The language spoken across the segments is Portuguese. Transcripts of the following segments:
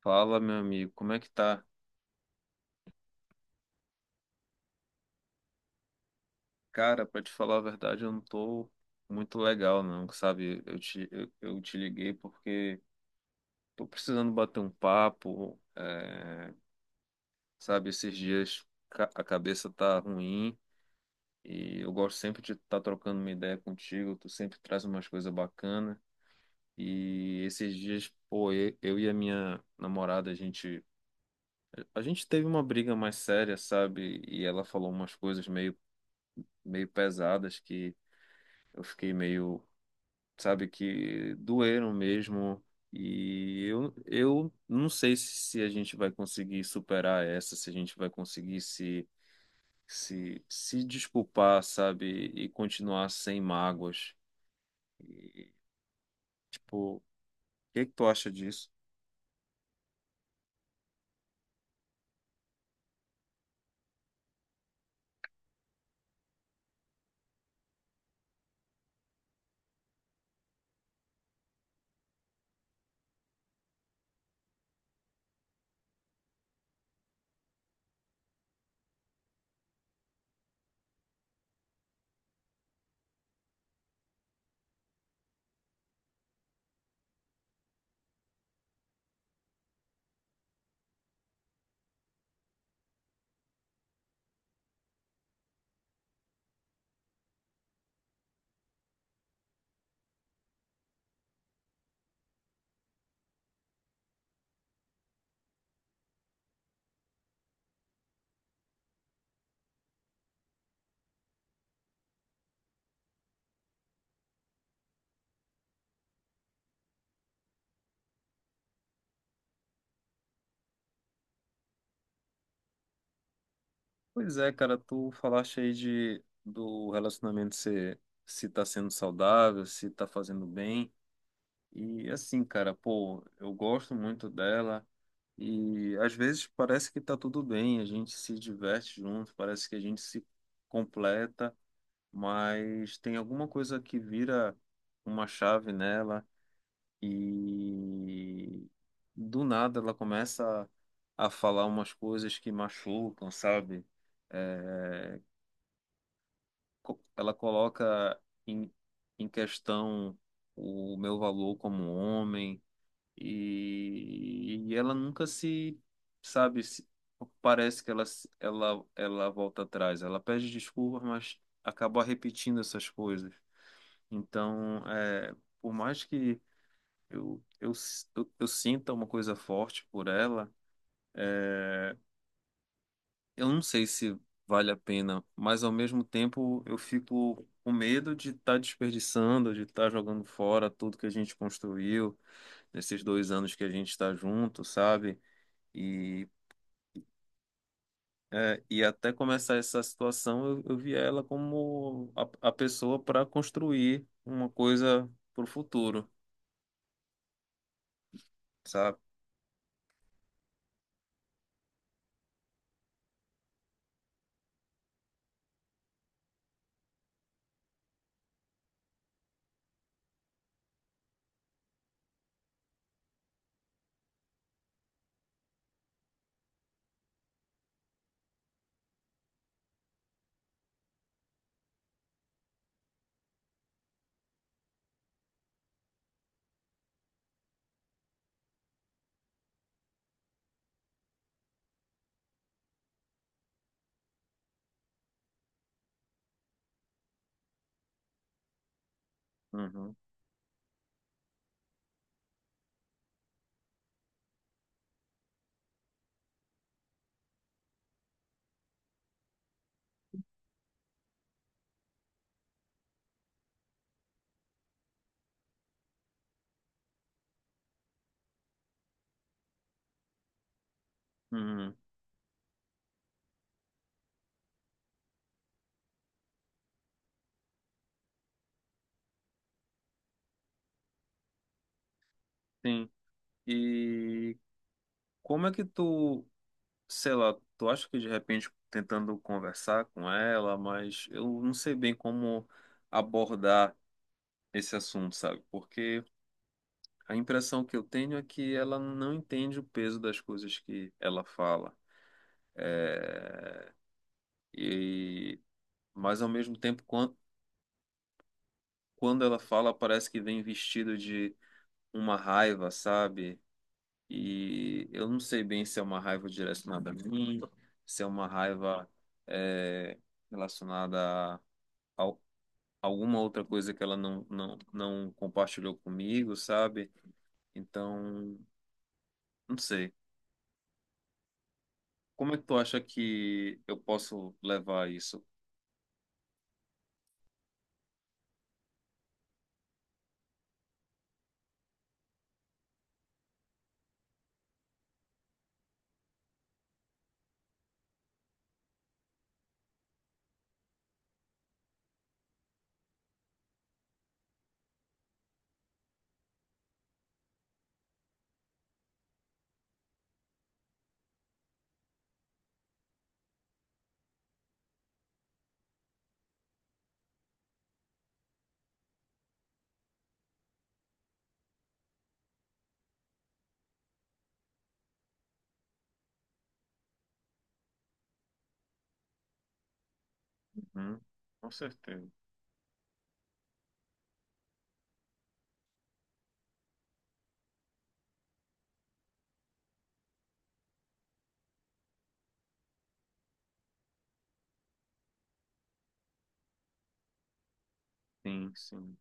Fala, meu amigo, como é que tá? Cara, pra te falar a verdade, eu não tô muito legal, não, sabe? Eu te liguei porque tô precisando bater um papo, sabe? Esses dias a cabeça tá ruim e eu gosto sempre de estar trocando uma ideia contigo, tu sempre traz umas coisas bacanas. E esses dias, pô, eu e a minha namorada, a gente teve uma briga mais séria, sabe? E ela falou umas coisas meio pesadas que eu fiquei meio, sabe, que doeram mesmo. E eu não sei se a gente vai conseguir superar essa, se a gente vai conseguir se desculpar, sabe, e continuar sem mágoas. E, tipo, o que que tu acha disso? Pois é, cara, tu falaste aí do relacionamento ser, se tá sendo saudável, se tá fazendo bem. E assim, cara, pô, eu gosto muito dela. E às vezes parece que está tudo bem, a gente se diverte junto, parece que a gente se completa, mas tem alguma coisa que vira uma chave nela e do nada ela começa a falar umas coisas que machucam, sabe? É, ela coloca em, em questão o meu valor como homem e ela nunca se, sabe, parece que ela, ela volta atrás. Ela pede desculpas, mas acaba repetindo essas coisas. Então, por mais que eu sinta uma coisa forte por ela, é, eu não sei se vale a pena, mas ao mesmo tempo eu fico com medo de estar desperdiçando, de estar jogando fora tudo que a gente construiu nesses 2 anos que a gente está junto, sabe? E, e até começar essa situação, eu vi ela como a pessoa para construir uma coisa para o futuro, sabe? Uhum, uhum, sim. E como é que tu, sei lá, tu acha que de repente tentando conversar com ela, mas eu não sei bem como abordar esse assunto, sabe? Porque a impressão que eu tenho é que ela não entende o peso das coisas que ela fala. E mas ao mesmo tempo quando ela fala, parece que vem vestido de uma raiva, sabe? E eu não sei bem se é uma raiva direcionada a mim, se é uma raiva é, relacionada a al- alguma outra coisa que ela não compartilhou comigo, sabe? Então, não sei. Como é que tu acha que eu posso levar isso? Uhum, com certeza. Sim, sim,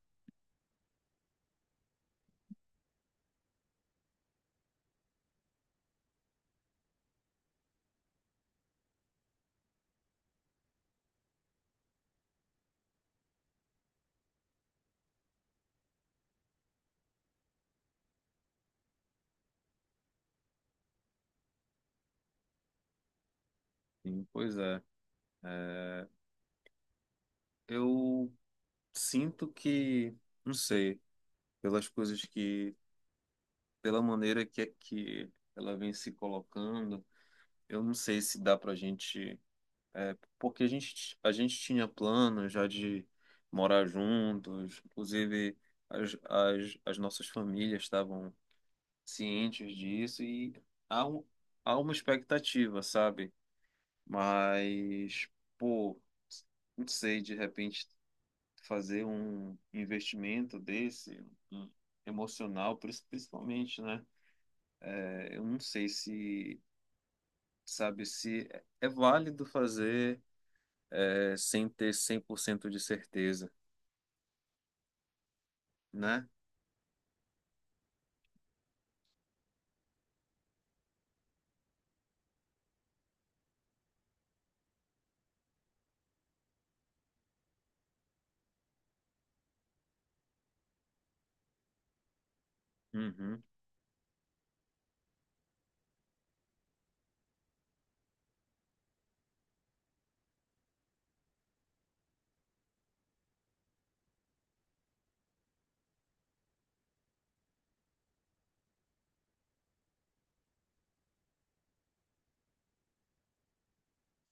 sim. Pois é. É, eu sinto que, não sei. Pelas coisas que, pela maneira que, é que ela vem se colocando. Eu não sei se dá pra gente, porque a gente tinha planos já de morar juntos, inclusive as nossas famílias estavam cientes disso e há, um- há uma expectativa, sabe? Mas, pô, não sei, de repente fazer um investimento desse, um um, emocional, principalmente, né? Eu não sei se, sabe, se é válido fazer sem ter 100% de certeza, né? Uhum.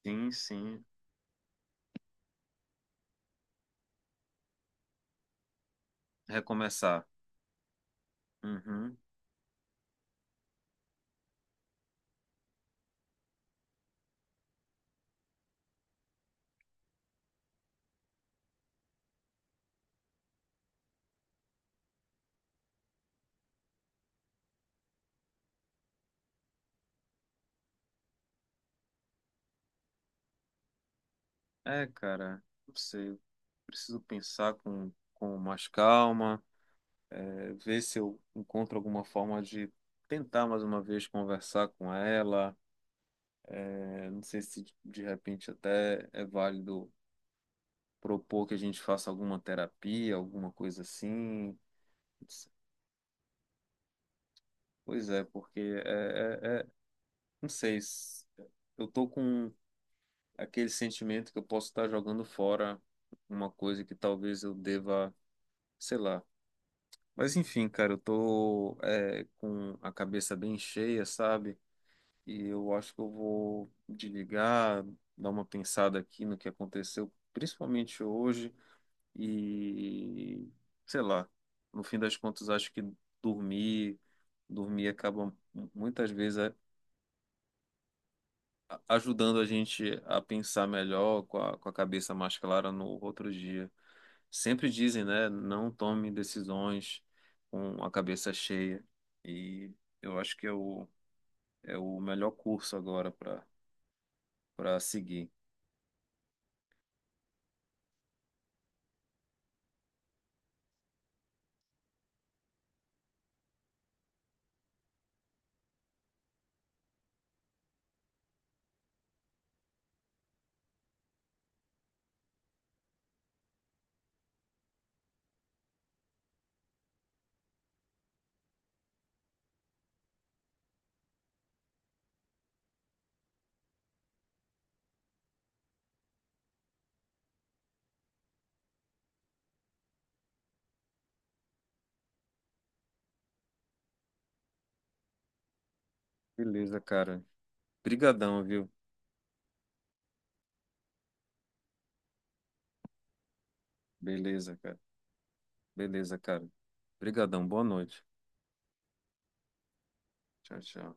Sim, sim. Recomeçar. Uhum. É, cara, não sei. Eu preciso pensar com mais calma, ver se eu encontro alguma forma de tentar mais uma vez conversar com ela. É, não sei se de repente até é válido propor que a gente faça alguma terapia, alguma coisa assim. Pois é, porque é, é- é- não sei, eu tô com aquele sentimento que eu posso estar jogando fora uma coisa que talvez eu deva, sei lá. Mas enfim, cara, eu tô com a cabeça bem cheia, sabe? E eu acho que eu vou desligar, dar uma pensada aqui no que aconteceu, principalmente hoje, e sei lá, no fim das contas, acho que dormir dormir acaba muitas vezes ajudando a gente a pensar melhor, com a cabeça mais clara no outro dia. Sempre dizem, né? Não tome decisões com a cabeça cheia. E eu acho que é é o melhor curso agora para seguir. Beleza, cara. Brigadão, viu? Beleza, cara. Beleza, cara. Brigadão. Boa noite. Tchau, tchau.